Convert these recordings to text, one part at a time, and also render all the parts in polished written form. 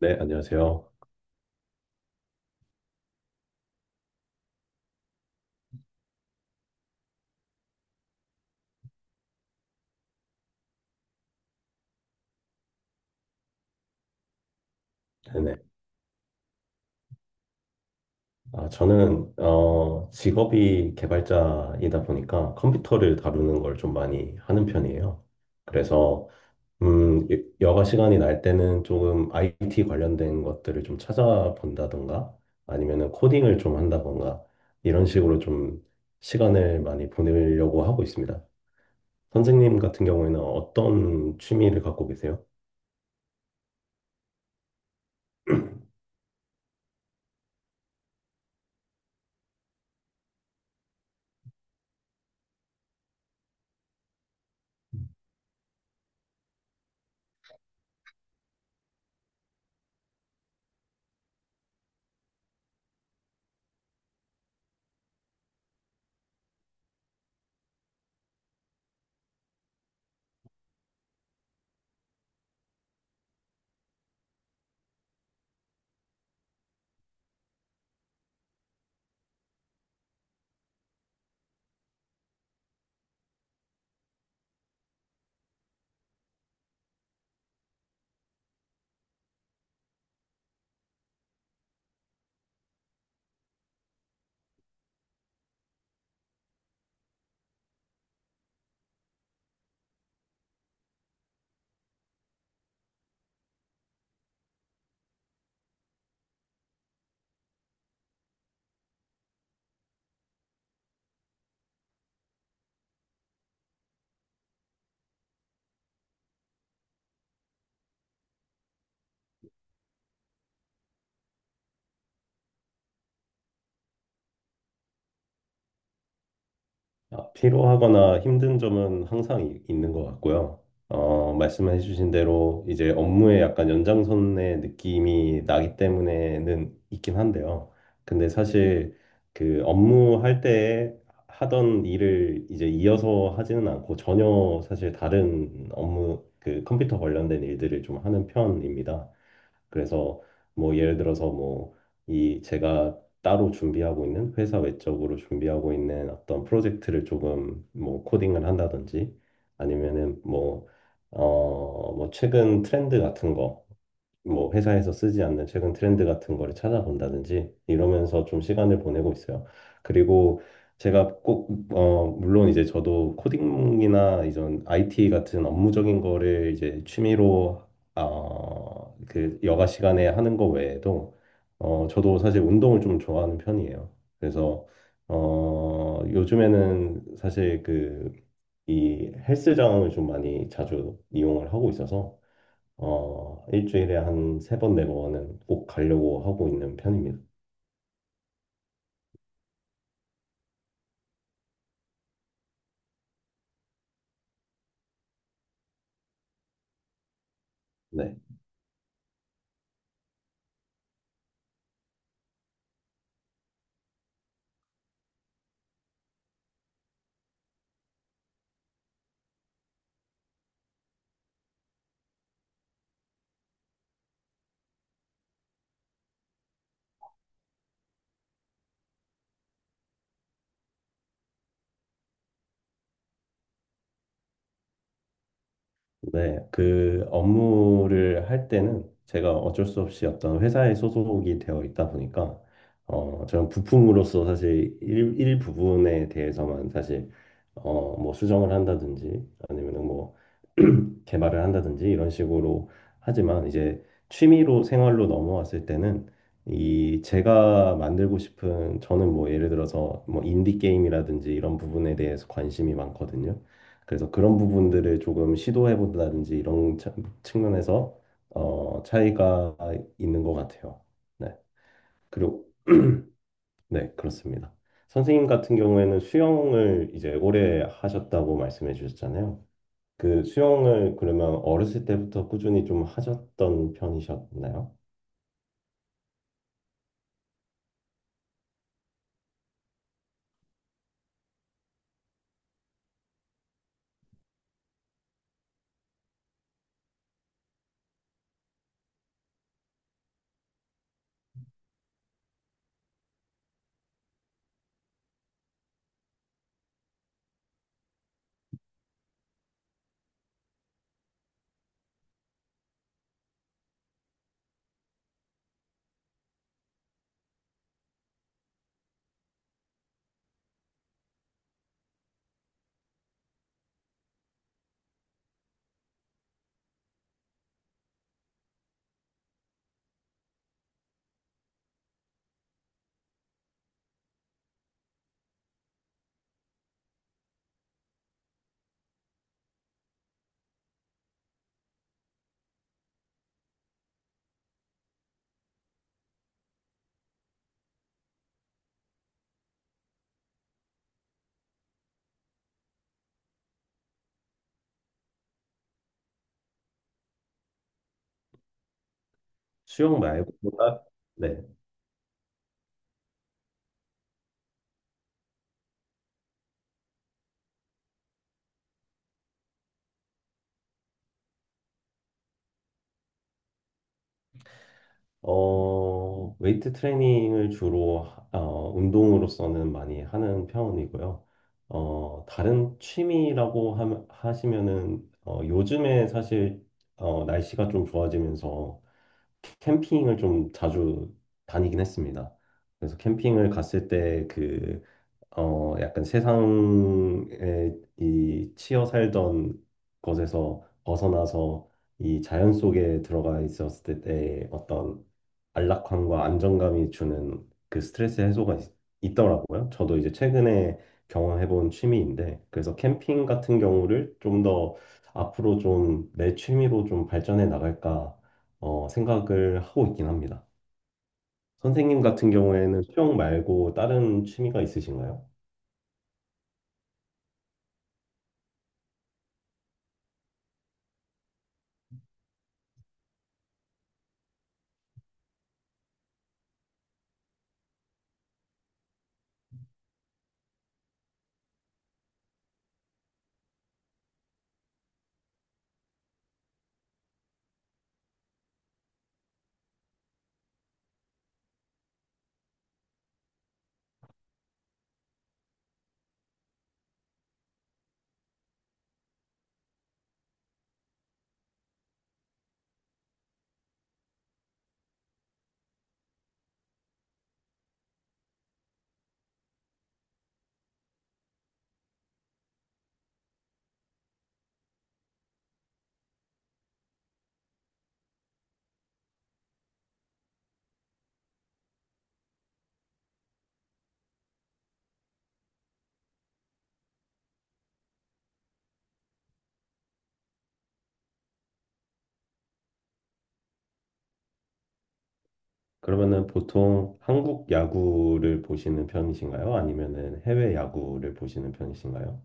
네, 안녕하세요. 네네. 아, 저는 직업이 개발자이다 보니까 컴퓨터를 다루는 걸 좀 많이 하는 편이에요. 그래서 여가 시간이 날 때는 조금 IT 관련된 것들을 좀 찾아본다던가 아니면은 코딩을 좀 한다던가 이런 식으로 좀 시간을 많이 보내려고 하고 있습니다. 선생님 같은 경우에는 어떤 취미를 갖고 계세요? 아, 피로하거나 힘든 점은 항상 있는 것 같고요. 말씀해 주신 대로 이제 업무에 약간 연장선의 느낌이 나기 때문에는 있긴 한데요. 근데 사실 그 업무할 때 하던 일을 이제 이어서 하지는 않고 전혀 사실 다른 업무, 그 컴퓨터 관련된 일들을 좀 하는 편입니다. 그래서 뭐 예를 들어서 뭐 이 제가 따로 준비하고 있는 회사 외적으로 준비하고 있는 어떤 프로젝트를 조금 뭐 코딩을 한다든지 아니면은 뭐 뭐 최근 트렌드 같은 거 뭐 회사에서 쓰지 않는 최근 트렌드 같은 거를 찾아본다든지 이러면서 좀 시간을 보내고 있어요. 그리고 제가 꼭, 어, 물론 이제 저도 코딩이나 이전 IT 같은 업무적인 거를 이제 취미로, 어, 그 여가 시간에 하는 거 외에도, 어, 저도 사실 운동을 좀 좋아하는 편이에요. 그래서, 어, 요즘에는 사실 그, 이 헬스장을 좀 많이 자주 이용을 하고 있어서 어, 일주일에 한 세 번, 네 번은 꼭 가려고 하고 있는 편입니다. 네. 네. 그 업무를 할 때는 제가 어쩔 수 없이 어떤 회사에 소속이 되어 있다 보니까, 어, 저는 부품으로서 사실 일 부분에 대해서만 사실, 어, 뭐 수정을 한다든지 아니면은 뭐 개발을 한다든지 이런 식으로 하지만 이제 취미로 생활로 넘어왔을 때는 이 제가 만들고 싶은 저는 뭐 예를 들어서 뭐 인디 게임이라든지 이런 부분에 대해서 관심이 많거든요. 그래서 그런 부분들을 조금 시도해 본다든지 측면에서 어, 차이가 있는 것 같아요. 네. 그리고 네, 그렇습니다. 선생님 같은 경우에는 수영을 이제 오래 하셨다고 말씀해 주셨잖아요. 그 수영을 그러면 어렸을 때부터 꾸준히 좀 하셨던 편이셨나요? 수영 말고 뭔 네. 어, 웨이트 트레이닝을 주로 어, 운동으로서는 많이 하는 편이고요. 어, 다른 취미라고 하시면은 어, 요즘에 사실 어, 날씨가 좀 좋아지면서 캠핑을 좀 자주 다니긴 했습니다. 그래서 캠핑을 갔을 때그 어, 약간 세상에 이 치여 살던 것에서 벗어나서 이 자연 속에 들어가 있었을 때의 어떤 안락함과 안정감이 주는 그 스트레스 해소가 더라고요. 저도 이제 최근에 경험해본 취미인데, 그래서 캠핑 같은 경우를 좀 더 앞으로 좀 내 취미로 좀 발전해 나갈까 어, 생각을 하고 있긴 합니다. 선생님 같은 경우에는 수영 말고 다른 취미가 있으신가요? 그러면은 보통 한국 야구를 보시는 편이신가요? 아니면은 해외 야구를 보시는 편이신가요?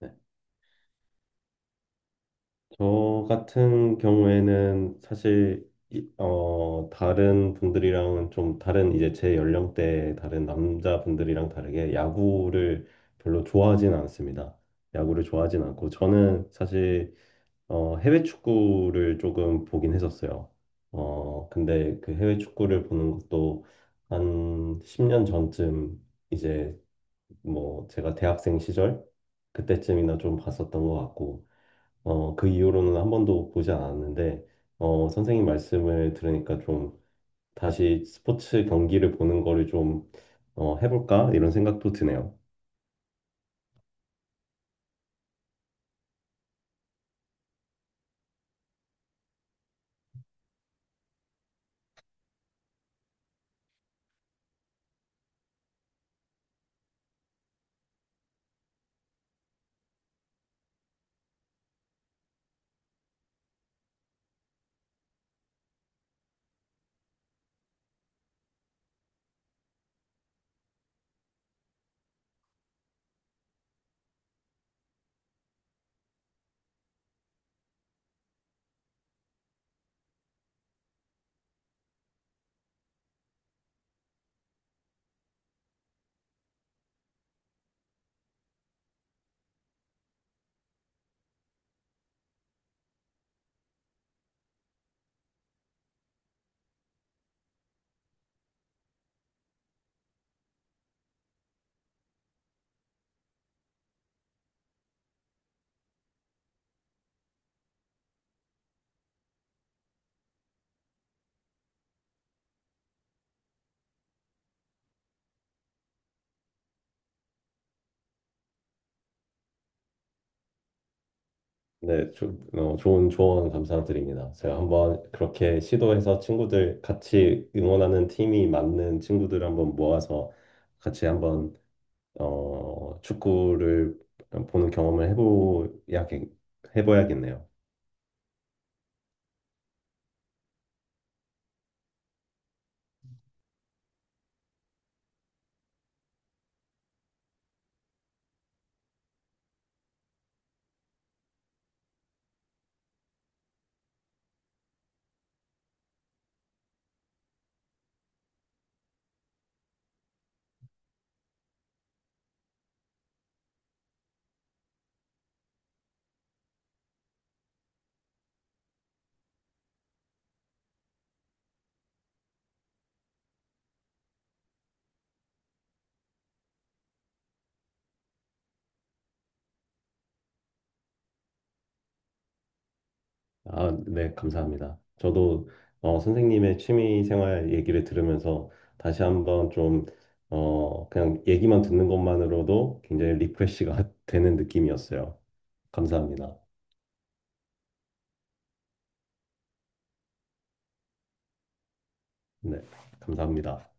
네. 저 같은 경우에는 사실 어, 다른 분들이랑은 좀 다른 이제 제 연령대 다른 남자분들이랑 다르게 야구를 별로 좋아하진 않습니다. 야구를 좋아하진 않고 저는 사실 어, 해외 축구를 조금 보긴 했었어요. 어, 근데 그 해외 축구를 보는 것도 한 10년 전쯤 이제 뭐 제가 대학생 시절 그때쯤이나 좀 봤었던 것 같고, 어, 그 이후로는 한 번도 보지 않았는데, 어, 선생님 말씀을 들으니까 좀 다시 스포츠 경기를 보는 거를 좀 어, 해볼까? 이런 생각도 드네요. 네, 어, 좋은 조언 감사드립니다. 제가 한번 그렇게 시도해서 친구들 같이 응원하는 팀이 맞는 친구들 한번 모아서 같이 한번 어, 축구를 보는 경험을 해봐야겠네요. 아, 네, 감사합니다. 저도 어, 선생님의 취미 생활 얘기를 들으면서 다시 한번 좀 어, 그냥 얘기만 듣는 것만으로도 굉장히 리프레시가 되는 느낌이었어요. 감사합니다. 네, 감사합니다.